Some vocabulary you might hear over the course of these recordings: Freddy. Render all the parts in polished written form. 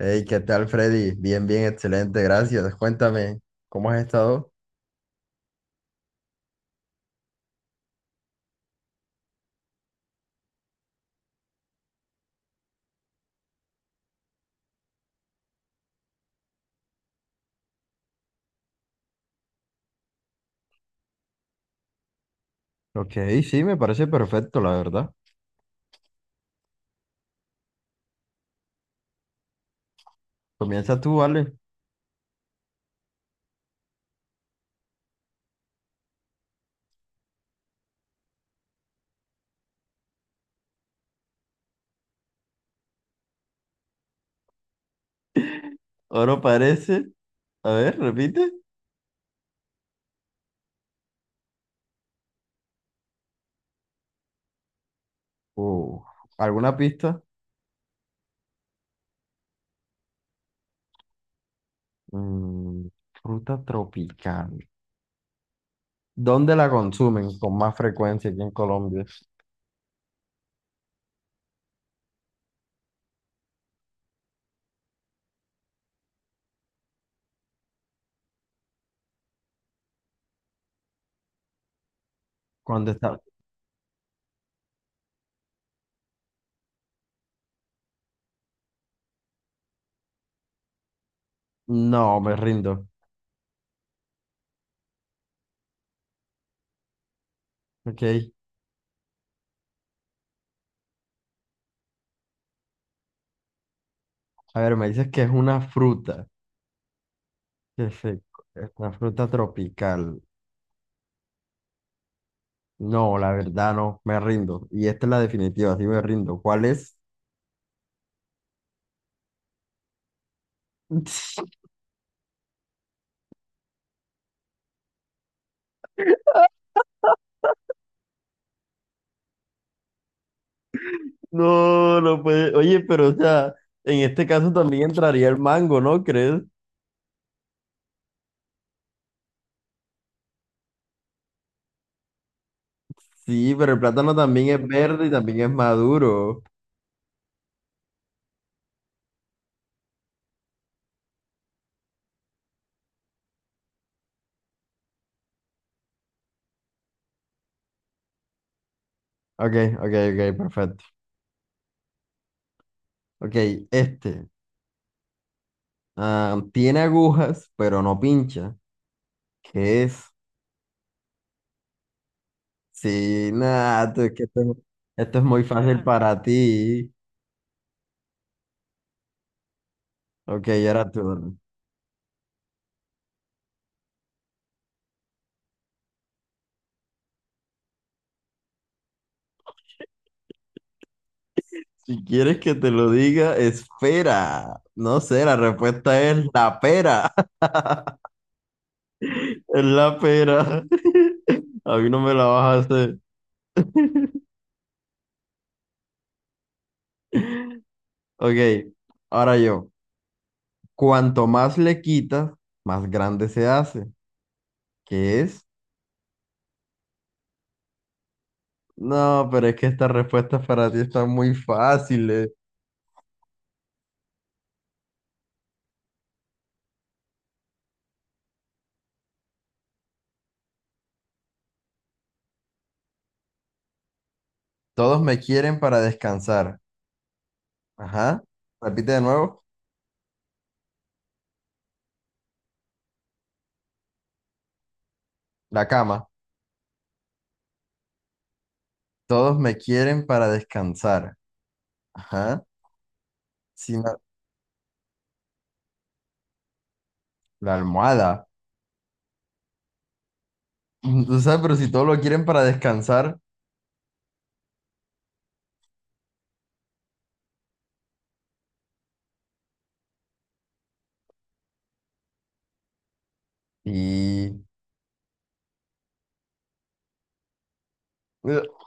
Hey, ¿qué tal, Freddy? Bien, bien, excelente, gracias. Cuéntame, ¿cómo has estado? Ok, sí, me parece perfecto, la verdad. Comienza tú, vale. Oro parece. A ver, repite. Uh, ¿Alguna pista? Mm, fruta tropical. ¿Dónde la consumen con más frecuencia aquí en Colombia? Cuando está... No, me rindo. Ok. A ver, me dices que es una fruta. Perfecto. Es una fruta tropical. No, la verdad no, me rindo. Y esta es la definitiva, sí me rindo. ¿Cuál es? No, no puede. Oye, pero o sea, en este caso también entraría el mango, ¿no crees? Sí, pero el plátano también es verde y también es maduro. Ok, ok, ok, perfecto. Ok, este. Ah, tiene agujas, pero no pincha. ¿Qué es? Sí, nada, tú- es que esto es muy fácil para ti. Ok, ahora tú. Si quieres que te lo diga, espera. No sé, la respuesta es la pera. Es la pera. A mí no me la vas a hacer. Ok, ahora yo. Cuanto más le quitas, más grande se hace. ¿Qué es? No, pero es que estas respuestas para ti están muy fáciles. Todos me quieren para descansar. Ajá. Repite de nuevo. La cama. Todos me quieren para descansar. Ajá. Sin la almohada. Tú sabes, pero si todos lo quieren para descansar y...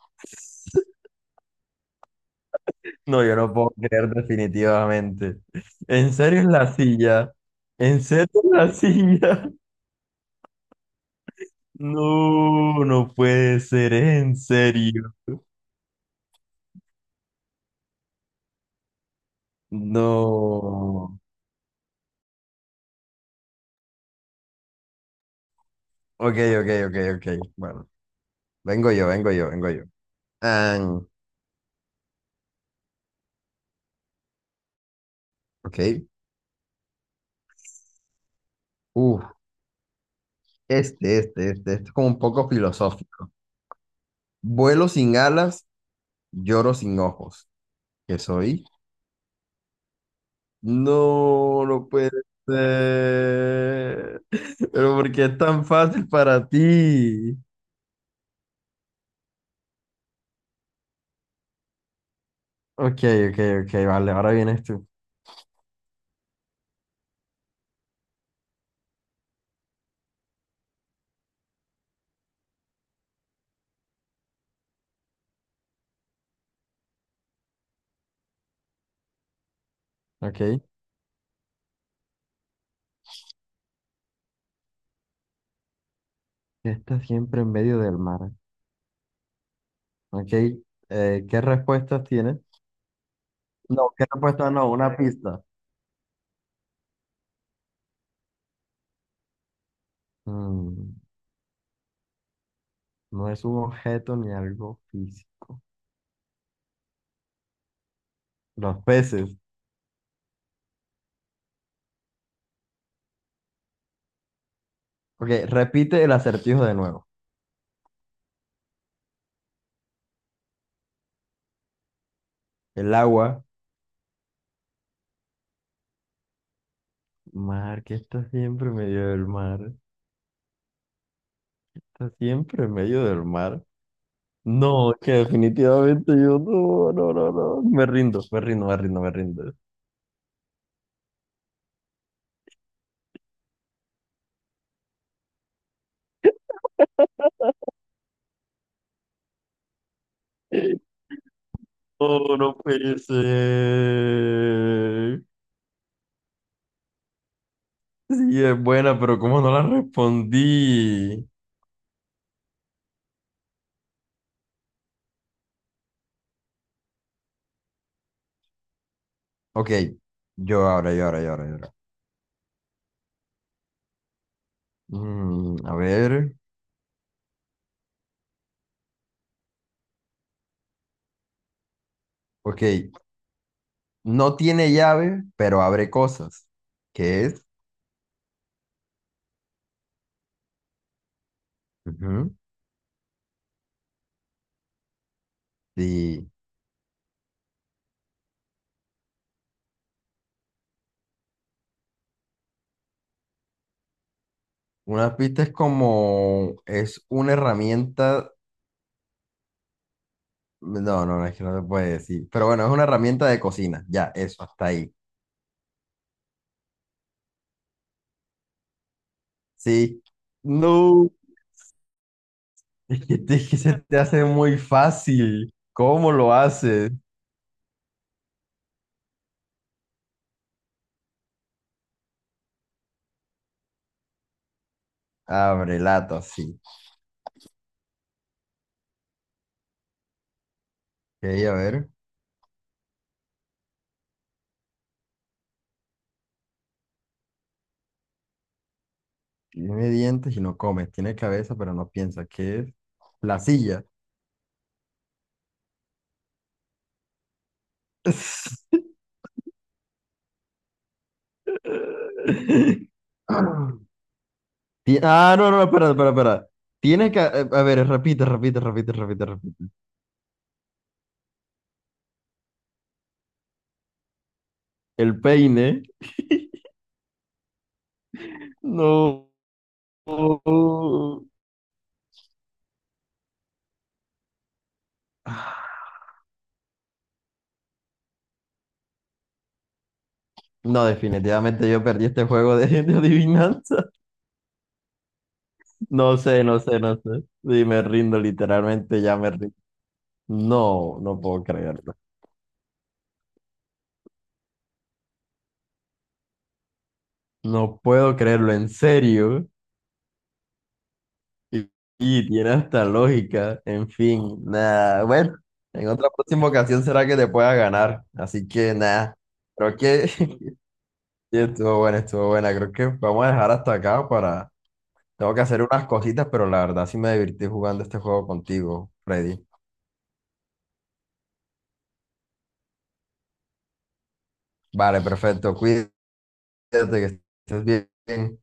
No, yo no puedo creer definitivamente. ¿En serio es la silla? ¿En serio es la silla? No, no puede ser, en serio. No. Ok, ok, ok, ok. Bueno, vengo yo, vengo yo, vengo yo. Ah, ok. Uf, este es como un poco filosófico. Vuelo sin alas, lloro sin ojos. ¿Qué soy? No, no puede ser. Pero ¿por qué es tan fácil para ti? Ok, ok, ok, vale, ahora vienes tú. Ok. ¿Qué está siempre en medio del mar? Ok. ¿Qué respuestas tienes? No, ¿qué respuesta? No, una pista. Mm, no es un objeto ni algo físico. Los peces. Ok, repite el acertijo de nuevo. El agua. Mar, que está siempre en medio del mar. Está siempre en medio del mar. No, es que definitivamente yo no, no, no, no. Me rindo, me rindo, me rindo, me rindo. No, no puede ser. Sí, es buena, pero ¿cómo no la respondí? Ok, yo ahora, yo ahora, yo ahora, yo ahora. Mm, a ver, ok. No tiene llave, pero abre cosas. ¿Qué es? Ujú. Sí. Una pista es como, es una herramienta. No, no, no, es que no se puede decir. Pero bueno, es una herramienta de cocina. Ya, eso, hasta ahí. Sí. No. Es que, te- es que se te hace muy fácil. ¿Cómo lo haces? Abre lata, sí. Ok, a ver. Tiene dientes y no come. Tiene cabeza, pero no piensa. ¿Qué es? La silla. Ti- ah, no, no, espera, espera, espera. Tiene que... a ver, repite, repite, repite, repite, repite. El peine. No. No, definitivamente yo perdí este juego de adivinanza. No sé, no sé, no sé. Sí, me rindo, literalmente ya me rindo. No, no puedo creerlo. No puedo creerlo, en serio. Y, y tiene hasta lógica. En fin, nada. Bueno, en otra próxima ocasión será que te pueda ganar. Así que nada. Creo que sí, estuvo buena, estuvo buena. Creo que vamos a dejar hasta acá para... Tengo que hacer unas cositas, pero la verdad sí me divertí jugando este juego contigo, Freddy. Vale, perfecto. Cuídate. Cuídate, que estés bien.